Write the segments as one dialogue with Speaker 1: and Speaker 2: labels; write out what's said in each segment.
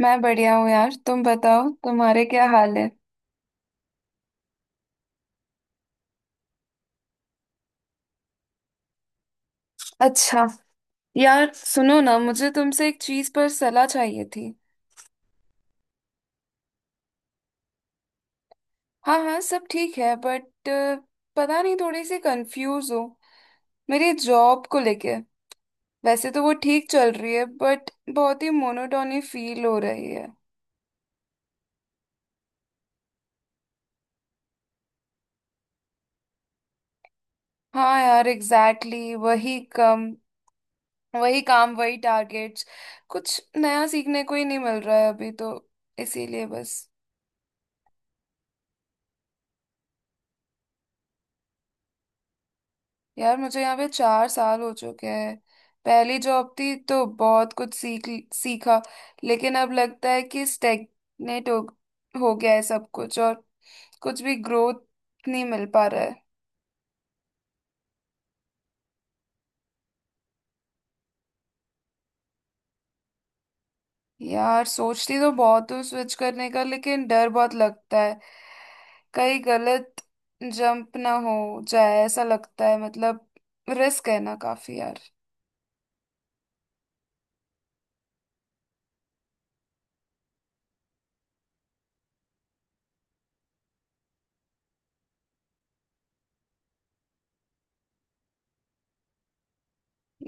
Speaker 1: मैं बढ़िया हूँ यार। तुम बताओ तुम्हारे क्या हाल है। अच्छा। यार सुनो ना, मुझे तुमसे एक चीज पर सलाह चाहिए थी। हाँ हाँ सब ठीक है बट पता नहीं थोड़ी सी कंफ्यूज हूँ मेरी जॉब को लेके। वैसे तो वो ठीक चल रही है बट बहुत ही मोनोटोनी फील हो रही है। हाँ यार एग्जैक्टली, वही काम वही टारगेट्स। कुछ नया सीखने को ही नहीं मिल रहा है अभी तो। इसीलिए बस। यार मुझे यहाँ पे 4 साल हो चुके हैं। पहली जॉब थी तो बहुत कुछ सीखा। लेकिन अब लगता है कि स्टेग्नेट हो गया है सब कुछ, और कुछ भी ग्रोथ नहीं मिल पा रहा है। यार सोचती तो बहुत हूँ स्विच करने का लेकिन डर बहुत लगता है, कहीं गलत जंप ना हो जाए, ऐसा लगता है। मतलब रिस्क है ना काफी यार।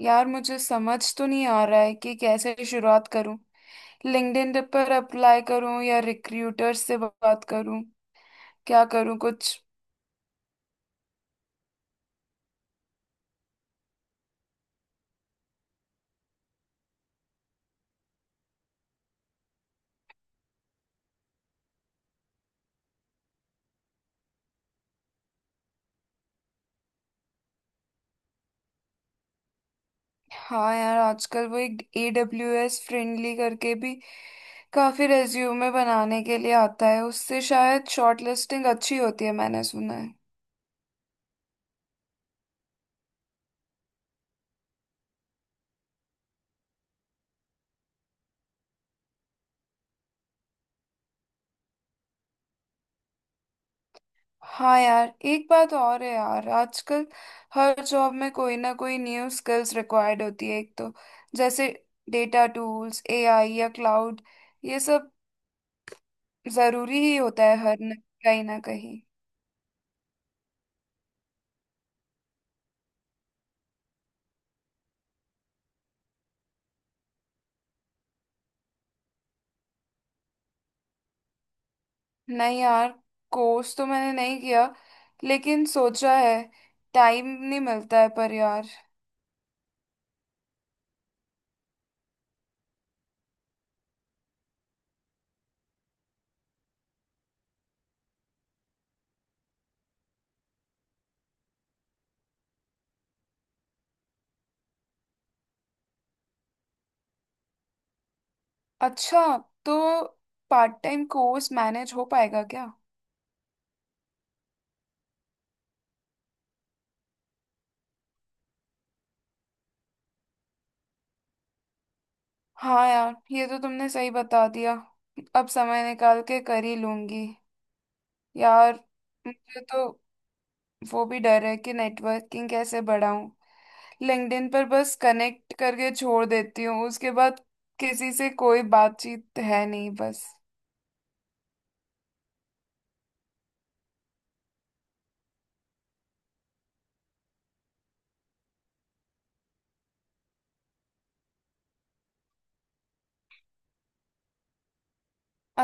Speaker 1: यार मुझे समझ तो नहीं आ रहा है कि कैसे शुरुआत करूँ। लिंक्डइन पर अप्लाई करूं या रिक्रूटर से बात करूं, क्या करूं कुछ। हाँ यार आजकल वो एक ए डब्ल्यू एस फ्रेंडली करके भी काफी रेज्यूमे बनाने के लिए आता है, उससे शायद शॉर्ट लिस्टिंग अच्छी होती है, मैंने सुना है। हाँ यार एक बात और है यार आजकल हर जॉब में कोई ना कोई न्यू स्किल्स रिक्वायर्ड होती है एक तो, जैसे डेटा टूल्स एआई या क्लाउड, ये सब जरूरी ही होता है हर कहीं ना कहीं। नहीं यार, कोर्स तो मैंने नहीं किया लेकिन सोचा है, टाइम नहीं मिलता है पर यार। अच्छा। तो पार्ट टाइम कोर्स मैनेज हो पाएगा क्या? हाँ यार ये तो तुमने सही बता दिया, अब समय निकाल के कर ही लूंगी यार। मुझे तो वो भी डर है कि नेटवर्किंग कैसे बढ़ाऊं। लिंक्डइन पर बस कनेक्ट करके छोड़ देती हूँ, उसके बाद किसी से कोई बातचीत है नहीं बस।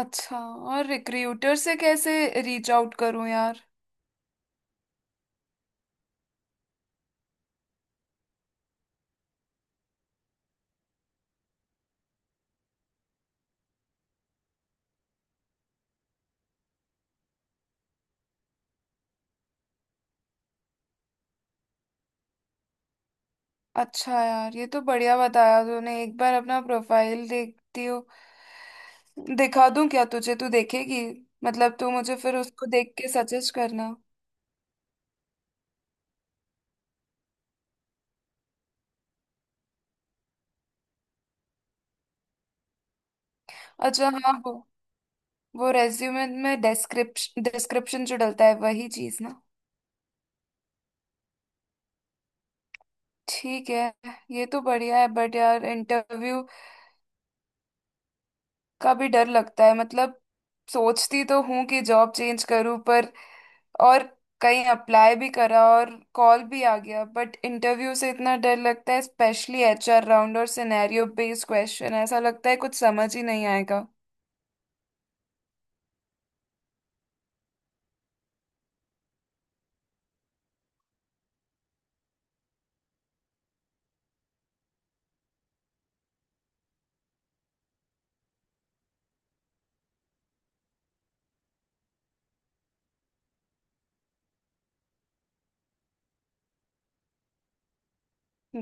Speaker 1: अच्छा। और रिक्रूटर से कैसे रीच आउट करूं यार? अच्छा यार ये तो बढ़िया बताया तूने। एक बार अपना प्रोफाइल देखती हो, दिखा दूं क्या तुझे, तू देखेगी? मतलब तू मुझे फिर उसको देख के सजेस्ट करना। अच्छा हाँ वो रेज्यूमे में डिस्क्रिप्शन डिस्क्रिप्शन जो डलता है वही चीज ना। ठीक है। ये तो बढ़िया है बट यार इंटरव्यू का भी डर लगता है मतलब। सोचती तो हूँ कि जॉब चेंज करूँ पर, और कहीं अप्लाई भी करा और कॉल भी आ गया बट इंटरव्यू से इतना डर लगता है, स्पेशली एचआर राउंड और सिनेरियो बेस्ड क्वेश्चन। ऐसा लगता है कुछ समझ ही नहीं आएगा।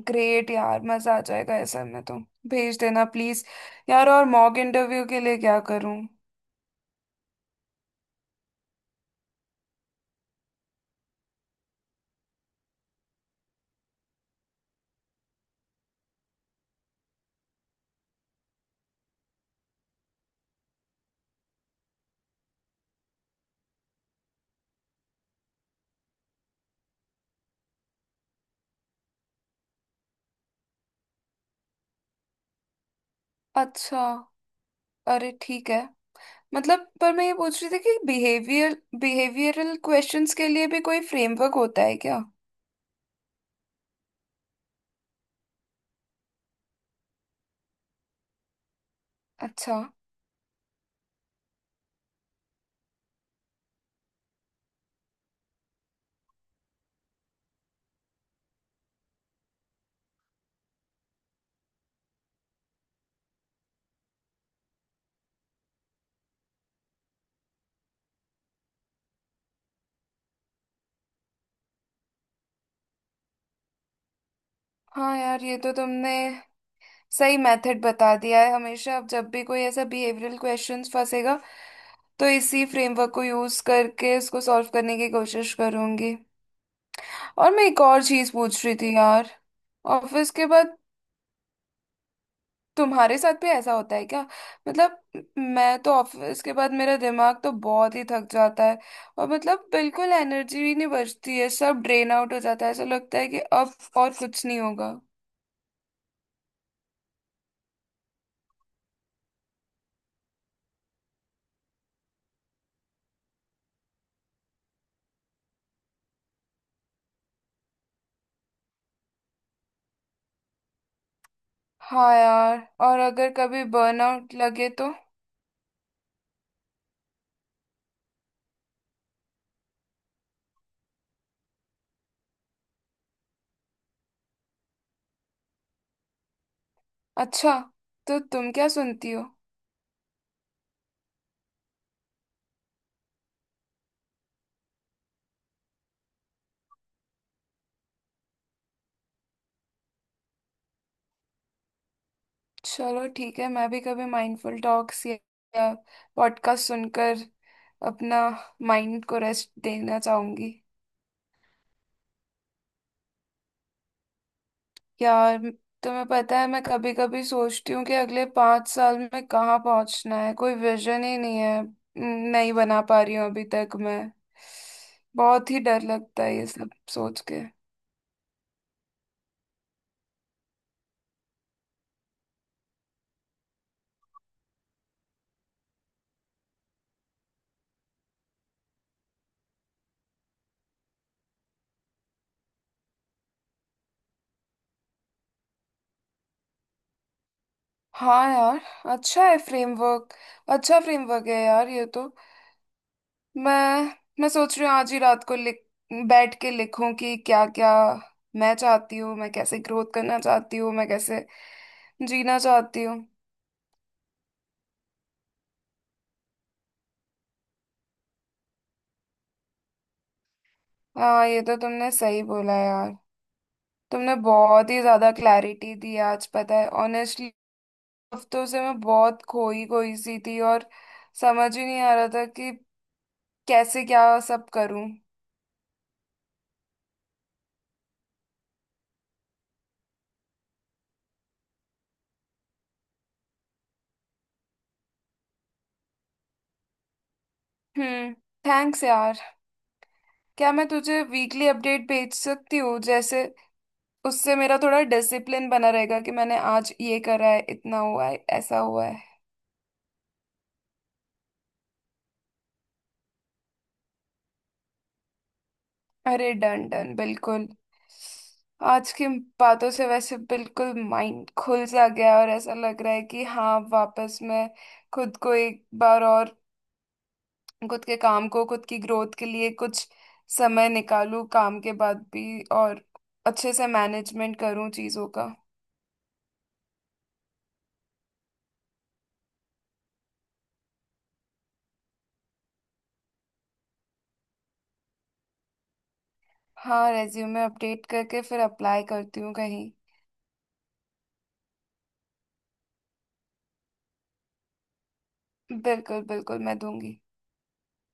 Speaker 1: ग्रेट यार मजा आ जाएगा ऐसे में तो। भेज देना प्लीज। यार और मॉक इंटरव्यू के लिए क्या करूं? अच्छा। अरे ठीक है। मतलब पर मैं ये पूछ रही थी कि बिहेवियरल क्वेश्चंस के लिए भी कोई फ्रेमवर्क होता है क्या? अच्छा। हाँ यार ये तो तुमने सही मेथड बता दिया है हमेशा, अब जब भी कोई ऐसा बिहेवियरल क्वेश्चंस फंसेगा तो इसी फ्रेमवर्क को यूज करके इसको सॉल्व करने की कोशिश करूंगी। और मैं एक और चीज पूछ रही थी यार, ऑफिस के बाद तुम्हारे साथ भी ऐसा होता है क्या? मतलब मैं तो ऑफिस के बाद मेरा दिमाग तो बहुत ही थक जाता है, और मतलब बिल्कुल एनर्जी ही नहीं बचती है, सब ड्रेन आउट हो जाता है, ऐसा लगता है कि अब और कुछ नहीं होगा। हाँ यार। और अगर कभी बर्नआउट लगे तो? अच्छा। तो तुम क्या सुनती हो? चलो ठीक है, मैं भी कभी माइंडफुल टॉक्स या पॉडकास्ट सुनकर अपना माइंड को रेस्ट देना चाहूंगी। यार तुम्हें पता है मैं कभी कभी सोचती हूँ कि अगले 5 साल में कहाँ पहुंचना है, कोई विजन ही नहीं है, नहीं बना पा रही हूँ अभी तक मैं। बहुत ही डर लगता है ये सब सोच के। हाँ यार, अच्छा है फ्रेमवर्क, अच्छा फ्रेमवर्क है यार ये तो। मैं मैं सोच रही हूँ आज ही रात को लिख बैठ के लिखूं कि क्या क्या मैं चाहती हूँ, मैं कैसे ग्रोथ करना चाहती हूँ, मैं कैसे जीना चाहती हूँ। हाँ ये तो तुमने सही बोला यार। तुमने बहुत ही ज्यादा क्लैरिटी दी आज, पता है, ऑनेस्टली हफ्तों से मैं बहुत खोई खोई सी थी और समझ ही नहीं आ रहा था कि कैसे क्या सब करूं। हम्म। थैंक्स यार। क्या मैं तुझे वीकली अपडेट भेज सकती हूँ जैसे? उससे मेरा थोड़ा डिसिप्लिन बना रहेगा कि मैंने आज ये करा है, इतना हुआ है, ऐसा हुआ है। अरे डन डन बिल्कुल। आज की बातों से वैसे बिल्कुल माइंड खुल सा गया, और ऐसा लग रहा है कि हाँ वापस मैं खुद को एक बार और खुद के काम को, खुद की ग्रोथ के लिए कुछ समय निकालूं काम के बाद भी, और अच्छे से मैनेजमेंट करूं चीज़ों का। हाँ रेज्यूमे अपडेट करके फिर अप्लाई करती हूँ कहीं। बिल्कुल बिल्कुल मैं दूंगी।